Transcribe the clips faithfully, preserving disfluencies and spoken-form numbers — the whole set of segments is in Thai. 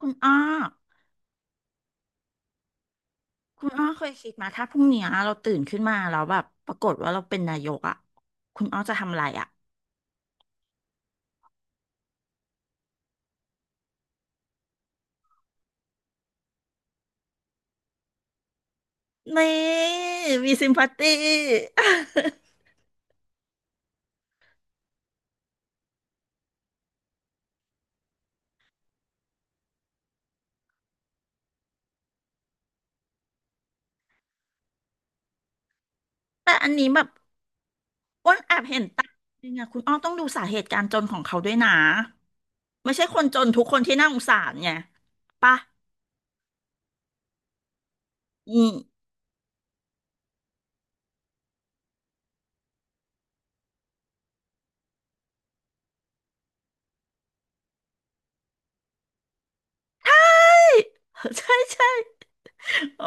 คุณอ้อคุณอ้อเคยคิดมาถ้าพรุ่งเนี้ยเราตื่นขึ้นมาแล้วแบบปรากฏว่าเราเป็นนายกอ่ะคุณอ้อจะทำอะไรอ่ะนี่มีซิมพัตตี แต่อันนี้แบบอ้วนแอบเห็นตาจริงอะคุณอ้อต้องดูสาเหตุการจนของเขาด้วยนะ ไม่ใช่คนจนทุกคนที่น่าสงสารไงปะอืม ใช่ ใช่โอ้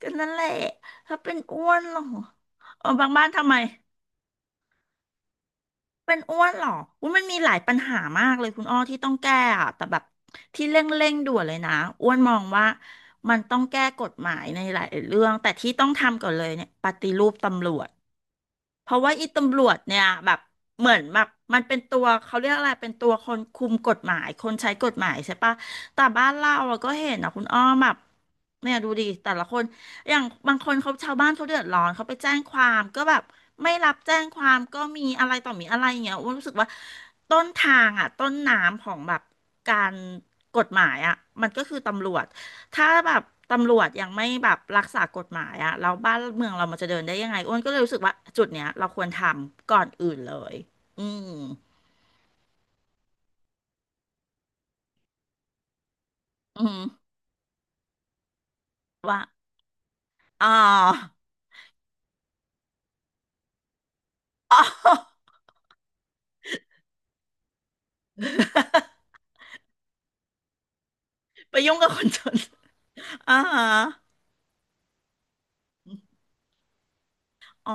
ก็นั่นแหละ ถ้าเป็นอ้วนเหรอเออบางบ้านทำไม เป็นอ้วนเหรออุ้ยมันมีหลายปัญหามากเลยคุณอ้อที่ต้องแก้อะแต่แบบที่เร่งเร่งด่วนเลยนะอ้วนมองว่ามันต้องแก้กฎหมายในหลายเรื่องแต่ที่ต้องทำก่อนเลยเนี่ยปฏิรูปตำรวจ เพราะว่าอีตำรวจเนี่ยแบบเหมือนแบบมันเป็นตัวเขาเรียกอะไรเป็นตัวคนคุมกฎหมายคนใช้กฎหมายใช่ปะแต่บ้านเราอะก็เห็นนะคุณอ้อมแบบเนี่ยดูดิแต่ละคนอย่างบางคนเขาชาวบ้านเขาเดือดร้อนเขาไปแจ้งความก็แบบไม่รับแจ้งความก็มีอะไรต่อมีอะไรอย่างเงี้ยอ้วนรู้สึกว่าต้นทางอะต้นน้ำของแบบการกฎหมายอะมันก็คือตำรวจ ถ้าแบบตำรวจยังไม่แบบรักษากฎหมายอะแล้วบ้านเมืองเรามันจะเดินได้ยังไงอ้วนก็เลยรู้สึกว่าจุดเนี้ยเราควรทำก่อนอื่นเลยอืมอืมว่าอ๋อ อ๋อ ไปยุ่งกับคนจนอ่าฮะอ๋อ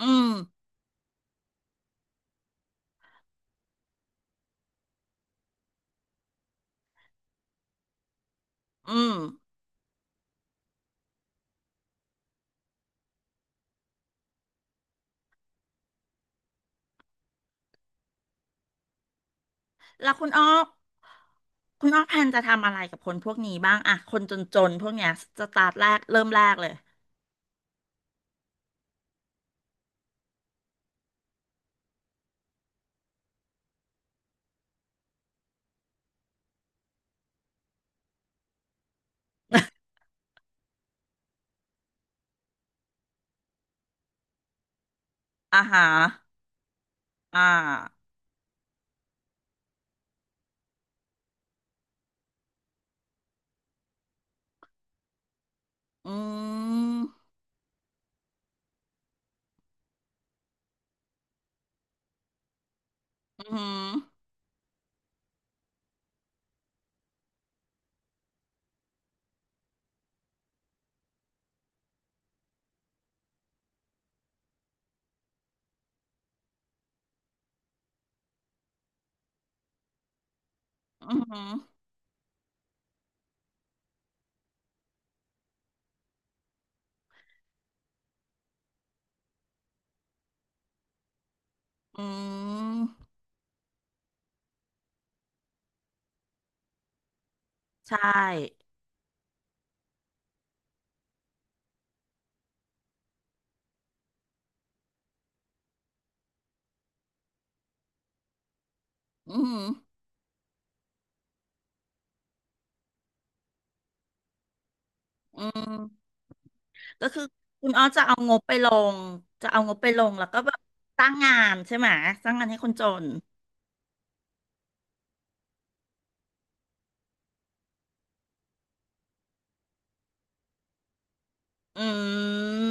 อืมอืมแล้วคุณอ้อคุณอ้อแพนจะทำอะไรกับคนพวกนี้บ้างอะคนจนๆพวกเนี้ยสตาร์ทแรกเริ่มแรกเลยอ่าฮะอ่าอืมอืม อือหืออืมใช่อืมอืมก็คือคุณอ้อจะเอางบไปลงจะเอางบไปลงแล้วก็แบบสร้างงานใช่ไหมสร้างงานให้คนจนอื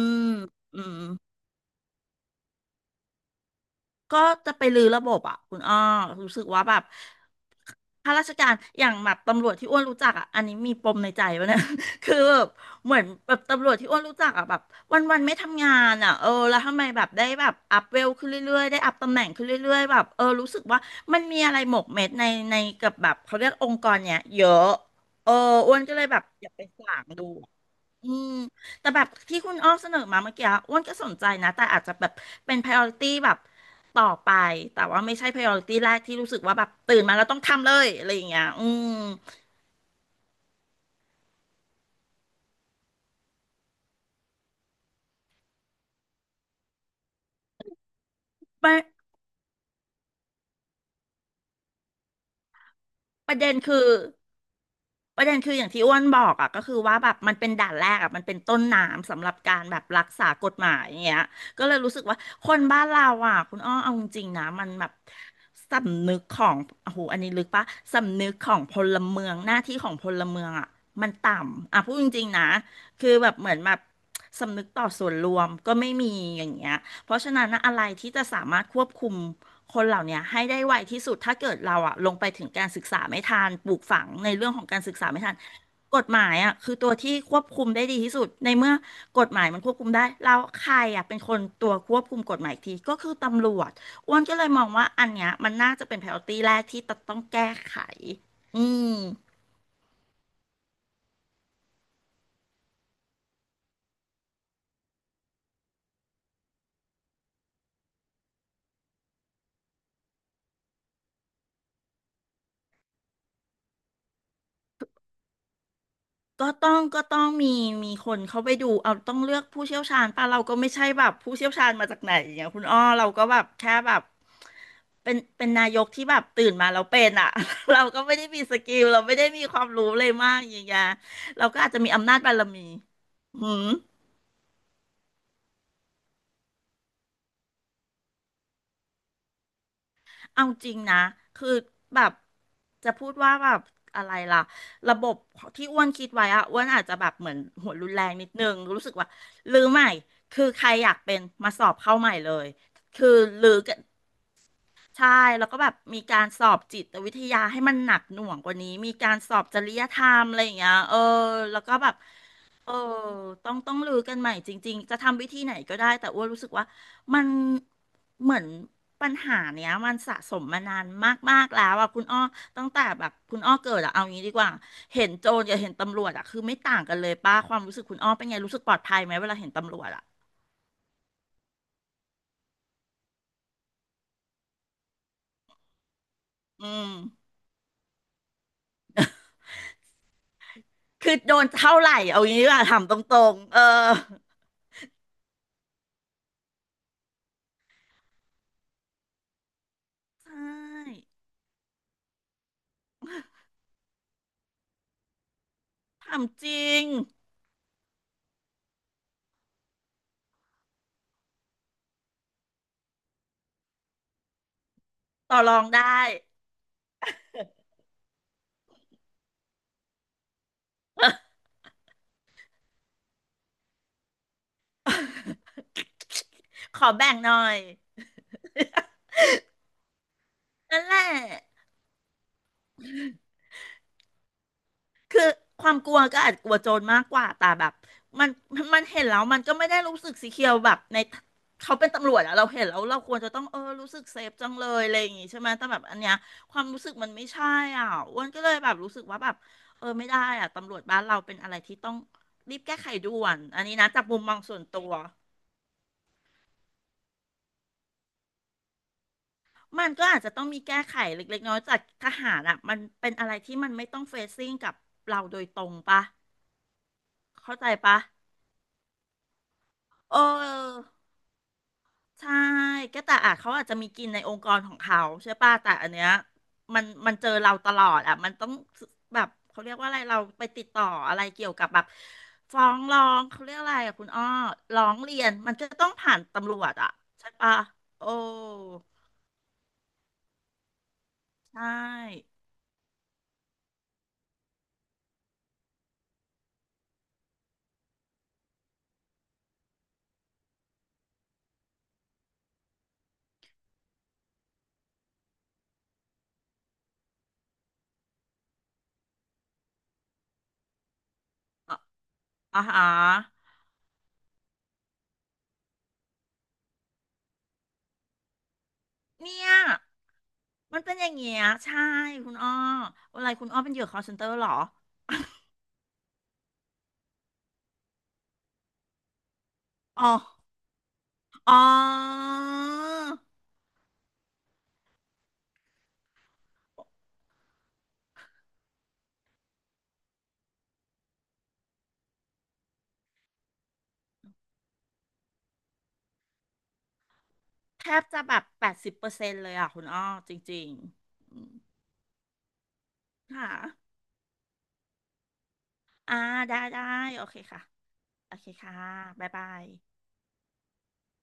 มอืม ก็จะไปรื้อระบบอ่ะคุณอ้อรู้สึกว่าแบบข้าราชการอย่างแบบตำรวจที่อ้วนรู้จักอ่ะอันนี้มีปมในใจวะเนี่ย คือแบบเหมือนแบบตำรวจที่อ้วนรู้จักอ่ะแบบวันวันไม่ทำงานอ่ะเออแล้วทำไมแบบได้แบบอัพเวลขึ้นเรื่อยๆได้อัพตำแหน่งขึ้นเรื่อยๆแบบเออรู้สึกว่ามันมีอะไรหมกเม็ดในในกับแบบเขาเรียกองค์กรเนี่ยเยอะเอออ้วนก็เลยแบบอยากไปสางดู อืมแต่แบบที่คุณอ้อเสนอมาเมื่อกี้อ้วนก็สนใจนะแต่อาจจะแบบเป็น priority แบบต่อไปแต่ว่าไม่ใช่ priority แรกที่รู้สึกว่าแบบตื่นมาแล้วต้องทำเลยอะไรอย่างเงี้ยอืมประประเด็นคือ ประเด็นคืออย่างที่อ้วนบอกอ่ะก็คือว่าแบบมันเป็นด่านแรกอ่ะมันเป็นต้นน้ำสำหรับการแบบรักษากฎหมายอย่างเงี้ยก็เลยรู้สึกว่าคนบ้านเราอ่ะคุณอ้อเอาจริงๆนะมันแบบสำนึกของโอ้โหอันนี้ลึกปะสำนึกของพลเมืองหน้าที่ของพลเมืองอ่ะมันต่ำอ่ะพูดจริงๆนะคือแบบเหมือนแบบสำนึกต่อส่วนรวมก็ไม่มีอย่างเงี้ยเพราะฉะนั้นนะอะไรที่จะสามารถควบคุม คนเหล่าเนี้ยให้ได้ไวที่สุดถ้าเกิดเราอะลงไปถึงการศึกษาไม่ทันปลูกฝังในเรื่องของการศึกษาไม่ทันกฎหมายอะคือตัวที่ควบคุมได้ดีที่สุดในเมื่อกฎหมายมันควบคุมได้แล้วใครอะเป็นคนตัวควบคุมกฎหมายอีกทีก็คือตำรวจอ้วนก็เลยมองว่าอันเนี้ยมันน่าจะเป็น priority แรกที่ต้องแก้ไขอืม ก็ต้องก็ต้องมีมีคนเขาไปดูเอาต้องเลือกผู้เชี่ยวชาญป่ะเราก็ไม่ใช่แบบผู้เชี่ยวชาญมาจากไหนอย่างเงี้ยคุณอ้อเราก็แบบแค่แบบเป็นเป็นนายกที่แบบตื่นมาแล้วเป็นอ่ะ เราก็ไม่ได้มีสกิลเราไม่ได้มีความรู้เลยมากอย่างเงี้ยเราก็อาจจะมีอำนาจบารมีอืม เอาจริงนะคือแบบจะพูดว่าแบบอะไรล่ะระบบที่อ้วนคิดไว้อะอ้วนอาจจะแบบเหมือนหัวรุนแรงนิดนึง รู้สึกว่าลือใหม่ คือใครอยากเป็นมาสอบเข้าใหม่เลย คือลือ ใช่แล้วก็แบบมีการสอบจิตวิทยาให้มันหนักหน่วงกว่านี้มีการสอบจริยธรรมอะไรอย่างเงี้ยเออแล้วก็แบบเออต้องต้องลือกันใหม่จริงๆจะทำวิธีไหนก็ได้แต่อ้วนรู้สึกว่ามันเหมือนปัญหาเนี้ยมันสะสมมานานมากๆแล้วอ่ะคุณอ้อตั้งแต่แบบคุณอ้อเกิดอะเอางี้ดีกว่าเห็นโจรกับเห็นตำรวจอะคือไม่ต่างกันเลยป้าความรู้สึกคุณอ้อเป็นไงรู้สึกปลอดภัยไหมเวลาเห็นตำรวจอะอืมคือโดนเท่าไหร่เอางี้ดีกว่าถามตรงๆเออ ใช่ถามจริงต่อรองได้ ขอแบ่งหน่อยนั่นแหละคือความกลัวก็อาจกลัวโจรมากกว่าแต่แบบมันมันเห็นแล้วมันก็ไม่ได้รู้สึกสีเขียวแบบในเขาเป็นตำรวจอะเราเห็นแล้วเราควรจะต้องเออรู้สึกเซฟจังเลยอะไรอย่างงี้ใช่ไหมแต่แบบอันเนี้ยความรู้สึกมันไม่ใช่อ่ะอ้วนก็เลยแบบรู้สึกว่าแบบเออไม่ได้อ่ะตำรวจบ้านเราเป็นอะไรที่ต้องรีบแก้ไขด่วนอันนี้นะจากมุมมองส่วนตัว มันก็อาจจะต้องมีแก้ไขเล็กๆน้อยๆจากทหารอ่ะมันเป็นอะไรที่มันไม่ต้องเฟซซิ่งกับเราโดยตรงปะเข้าใจปะเออใช่ก็แต่อ่ะเขาอาจจะมีกินในองค์กรของเขาใช่ปะแต่อันเนี้ยมันมันเจอเราตลอดอ่ะมันต้องแบบเขาเรียกว่าอะไรเราไปติดต่ออะไรเกี่ยวกับแบบฟ้องร้องเขาเรียกอะไรอ่ะคุณอ้อร้องเรียนมันจะต้องผ่านตำรวจอ่ะใช่ปะโอ้ใช่อ่ะอ่าฮะเนี่ย มันเป็นอย่างเงี้ยใช่คุณอ้ออะไรคุณอ้อเป็นเหยื่อ call center เหรออ๋ออ๋อแทบจะแบบแปดสิบเปอร์เซ็นต์เลยอ่ะคุณอ้อจริงๆอืมค่ะอ่าได้ได้โอเคค่ะโอเคค่ะบ๊ายบาย